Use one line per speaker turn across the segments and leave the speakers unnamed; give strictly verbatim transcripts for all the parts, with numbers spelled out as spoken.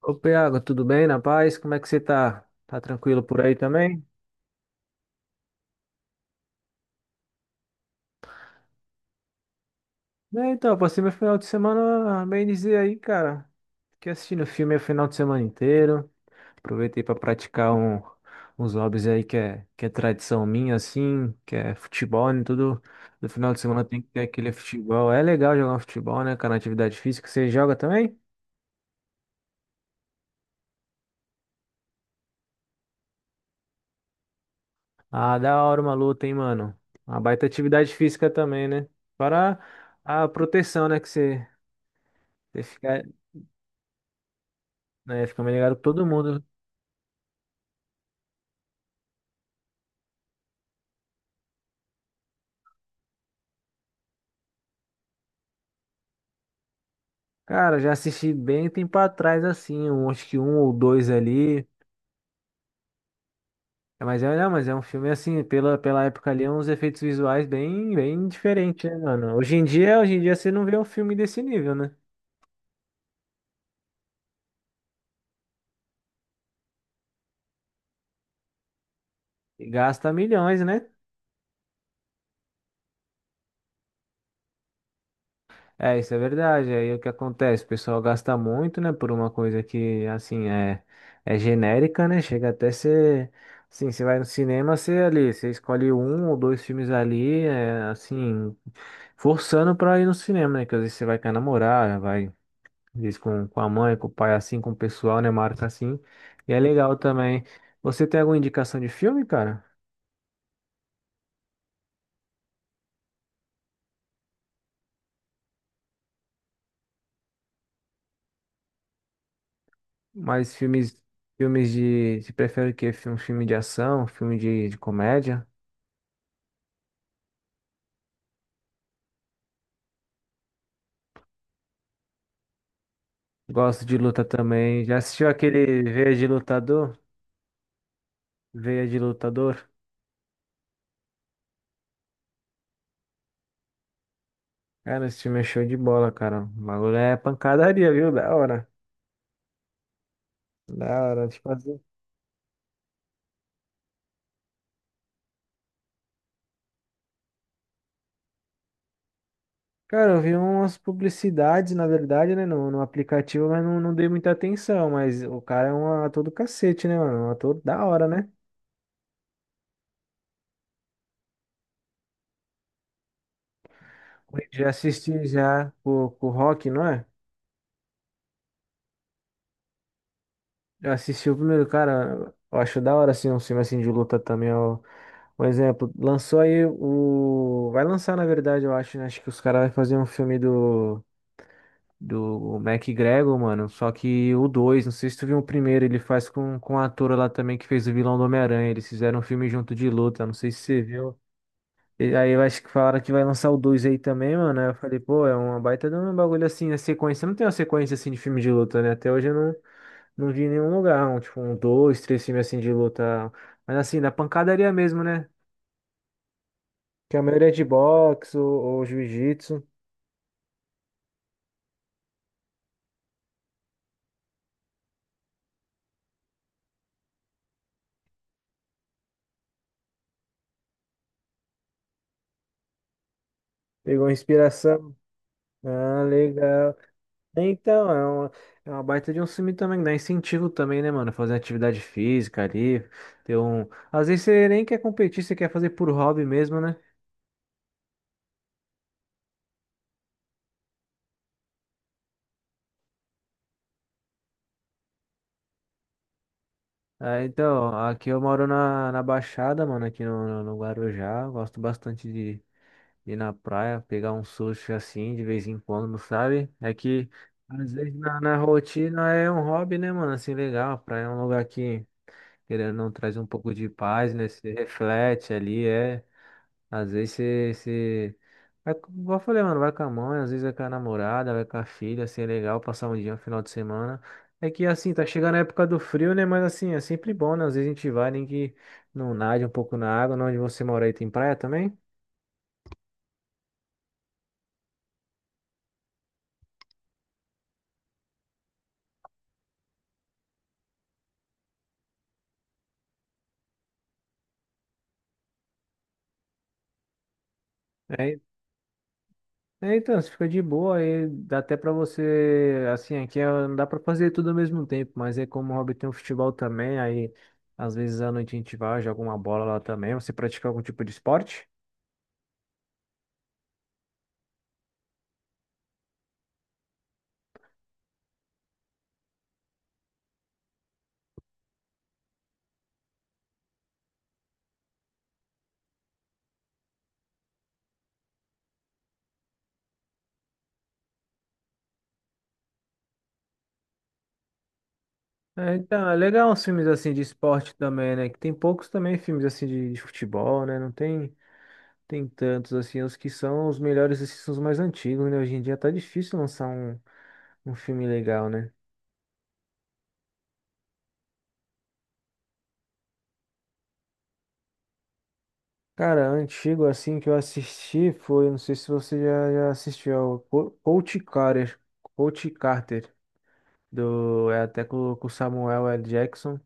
Ô, Piago, tudo bem? Na paz? Como é que você tá? Tá tranquilo por aí também? É, então, passei meu final de semana bem dizer aí, cara. Fiquei assistindo filme o final de semana inteiro. Aproveitei para praticar um- uns hobbies aí que é, que é tradição minha, assim, que é futebol, né? Tudo no final de semana tem que ter aquele futebol. É legal jogar um futebol, né, cara? Atividade física. Você joga também? Ah, da hora uma luta, hein, mano? Uma baita atividade física também, né? Para a proteção, né? Que você, você fica né? Fica mais ligado que todo mundo. Cara, já assisti bem tempo atrás, assim, um, acho que um ou dois ali. É, mas é, não, mas é um filme assim, pela, pela época ali, é uns efeitos visuais bem, bem diferentes, né, mano? Hoje em dia, hoje em dia você não vê um filme desse nível, né? E gasta milhões, né? É, isso é verdade. Aí é o que acontece? O pessoal gasta muito, né, por uma coisa que, assim, é, é genérica, né? Chega até ser. Assim, você vai no cinema, você ali, você escolhe um ou dois filmes ali, é, assim, forçando pra ir no cinema, né? Que às vezes você vai com a namorada, vai, às vezes com, com a mãe, com o pai, assim, com o pessoal, né? Marca assim. E é legal também. Você tem alguma indicação de filme, cara? Mas filmes, filmes de. Você prefere o quê? Filme, filme de ação, um filme de, de comédia? Gosto de luta também. Já assistiu aquele Veia de Lutador? Veia de Lutador? Cara, esse filme é show de bola, cara. O bagulho é pancadaria, viu? Da hora. Da hora. Tipo assim. Cara, eu vi umas publicidades, na verdade, né, no, no aplicativo, mas não, não dei muita atenção. Mas o cara é um ator do cacete, né, mano? Um ator da hora, né? Já assisti já com com o Rock, não é? Já assisti o primeiro, cara. Eu acho da hora, assim, um filme assim de luta também. Ó. Um exemplo, lançou aí o. Vai lançar, na verdade, eu acho, né? Acho que os caras vão fazer um filme do. Do MacGregor, mano. Só que o dois, não sei se tu viu o primeiro, ele faz com, com a atora lá também que fez o vilão do Homem-Aranha. Eles fizeram um filme junto de luta, não sei se você viu. E aí eu acho que falaram que vai lançar o dois aí também, mano. Aí eu falei, pô, é uma baita de um bagulho assim, né? Sequência. Não tem uma sequência assim de filme de luta, né? Até hoje eu não, não vi em nenhum lugar, um, tipo, um, dois, três filmes assim de luta. Mas assim, da pancadaria mesmo, né? Que a maioria é de boxe ou, ou jiu-jitsu. Pegou inspiração. Ah, legal. Então, é uma, é uma baita de um filme também, dá incentivo também, né, mano? Fazer atividade física ali, ter um. Às vezes você nem quer competir, você quer fazer por hobby mesmo, né? Ah, então, aqui eu moro na, na Baixada, mano, aqui no, no, no Guarujá, gosto bastante de, de ir na praia, pegar um sushi assim, de vez em quando, sabe? É que, às vezes, na, na rotina é um hobby, né, mano? Assim, legal, a praia é um lugar que, querendo ou não, traz um pouco de paz, né? Se reflete ali, é. Às vezes você, você. Vai, com- igual eu falei, mano, vai com a mãe, às vezes vai com a namorada, vai com a filha, assim, é legal passar um dia, um final de semana. É que, assim, tá chegando a época do frio, né? Mas, assim, é sempre bom, né? Às vezes a gente vai, nem que não nade um pouco na água, não, onde você mora aí tem praia também? É, é, então, você fica de boa, aí dá até pra você, assim, aqui é- não dá pra fazer tudo ao mesmo tempo, mas é como o hobby tem um futebol também, aí às vezes à noite a gente vai, joga uma bola lá também. Você pratica algum tipo de esporte? É, então, é legal uns filmes assim de esporte também, né? Que tem poucos também filmes assim de, de futebol, né? Não tem, tem tantos assim. Os que são os melhores assim, são os mais antigos, né? Hoje em dia tá difícil lançar um, um filme legal, né? Cara, antigo assim que eu assisti foi, não sei se você já, já assistiu, é o Co- Coach Carter, Coach Carter, do, é até com, com o Samuel L. Jackson.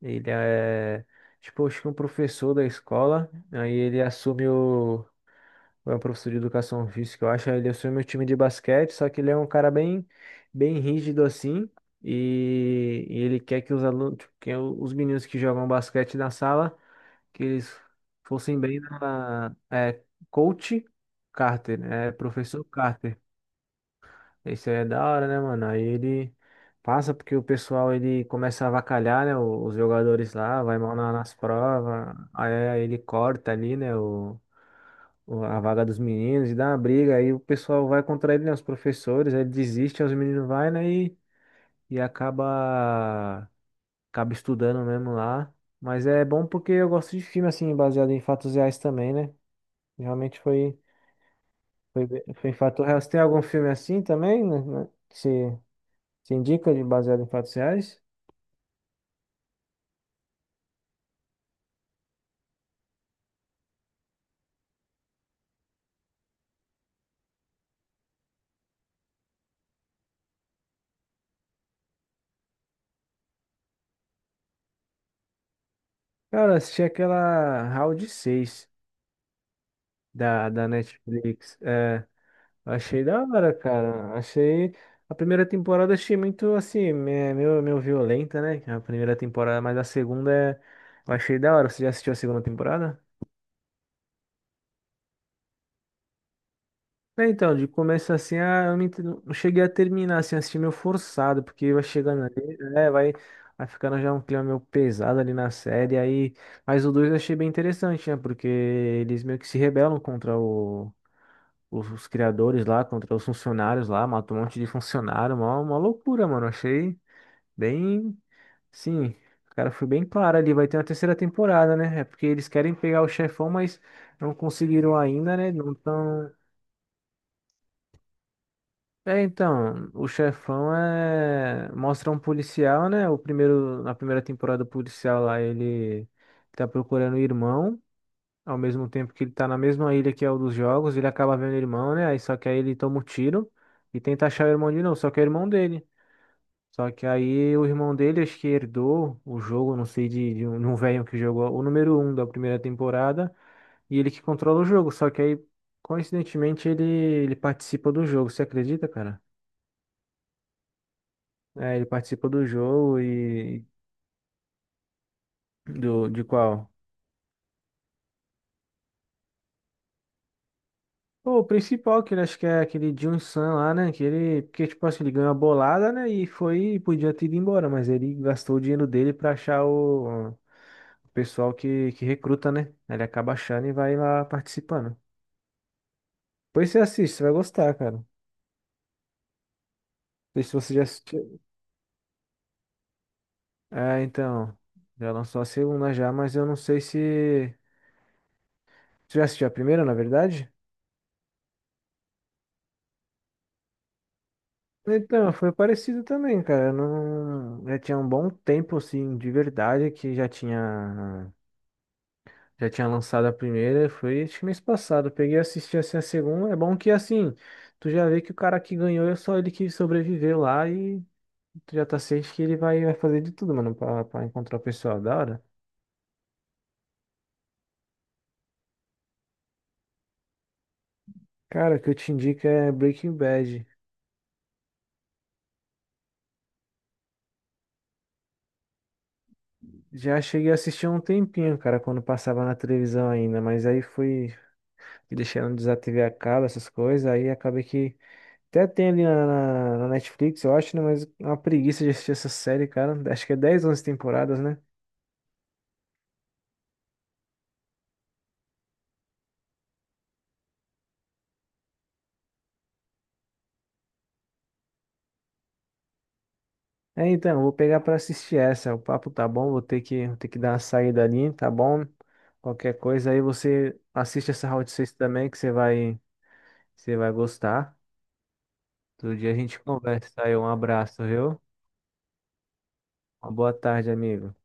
Ele é, tipo, acho que um professor da escola, aí ele assume o é um professor de educação física, eu acho. Ele assume o time de basquete, só que ele é um cara bem, bem rígido assim. E, e ele quer que os alunos, tipo, que os meninos que jogam basquete na sala, que eles fossem bem na, é, coach Carter, é, professor Carter. Isso aí é da hora, né, mano? Aí ele passa porque o pessoal ele começa a avacalhar, né? o- Os jogadores lá, vai mal na- nas provas. Aí aí ele corta ali, né? O, o- a vaga dos meninos e dá uma briga. Aí o pessoal vai contra ele, né? Os professores, aí ele desiste, aí os meninos vai, né? E, e acaba, acaba estudando mesmo lá. Mas é bom porque eu gosto de filme, assim, baseado em fatos reais também, né? Realmente foi, foi, bem- foi em fato real. Você tem algum filme assim também, né? né, Que você você indica de baseado em fatos reais? Cara, eu assisti aquela Round seis da, da Netflix. É, achei da hora, cara. Achei. A primeira temporada achei muito assim, me- meio, meio violenta, né? A primeira temporada, mas a segunda é- eu achei da hora. Você já assistiu a segunda temporada? É, então, de começo assim, ah, eu não ent- não cheguei a terminar, assim, assisti meio forçado, porque vai chegando ali, né, vai, vai ficando já um clima meio pesado ali na série, aí, mas o dois eu achei bem interessante, né, porque eles meio que se rebelam contra o- os, os criadores lá, contra os funcionários lá, matam um monte de funcionário, uma, uma loucura, mano, achei bem, sim, o cara foi bem claro ali, vai ter uma terceira temporada, né, é porque eles querem pegar o chefão, mas não conseguiram ainda, né, não tão. É, então, o chefão é mostra um policial, né? O primeiro na primeira temporada o policial lá, ele tá procurando o irmão, ao mesmo tempo que ele tá na mesma ilha que é o dos jogos, ele acaba vendo o irmão, né? Aí só que aí ele toma um tiro e tenta achar o irmão de novo, só que é o irmão dele. Só que aí o irmão dele acho que herdou o jogo, não sei, de, de um, de um velho que jogou o número um da primeira temporada e ele que controla o jogo, só que aí coincidentemente ele ele participa do jogo, você acredita, cara? É, ele participa do jogo e do de qual? Pô, o principal que ele acho que é aquele Jun San lá, né? Que ele, porque tipo assim, ele ganhou a bolada, né? E foi, podia ter ido embora, mas ele gastou o dinheiro dele pra achar o, o pessoal que, que recruta, né? Aí ele acaba achando e vai lá participando. Depois você assiste, você vai gostar, cara. Não sei se você já assistiu. É, então, já lançou a segunda já, mas eu não sei se você já assistiu a primeira, na verdade? Então, foi parecido também, cara. Eu não, já tinha um bom tempo, assim, de verdade, que já tinha, já tinha lançado a primeira. Foi, acho que mês passado. Eu peguei e assisti, assim, a segunda. É bom que, assim, tu já vê que o cara que ganhou é só ele que sobreviveu lá e tu já tá ciente que ele vai, vai fazer de tudo, mano, pra, pra encontrar o pessoal da hora. Cara, o que eu te indico é Breaking Bad. Já cheguei a assistir há um tempinho, cara, quando passava na televisão ainda, mas aí fui fui deixando desativei a cabo, essas coisas, aí acabei que até tem ali na, na- na Netflix, eu acho, né? Mas é uma preguiça de assistir essa série, cara. Acho que é dez onze temporadas, né? É, então, eu vou pegar pra assistir essa. O papo tá bom, vou ter que, vou ter que dar uma saída ali, tá bom? Qualquer coisa aí você assiste essa Round 6 também, que você vai, você vai gostar. Todo dia a gente conversa aí. Um abraço, viu? Uma boa tarde, amigo.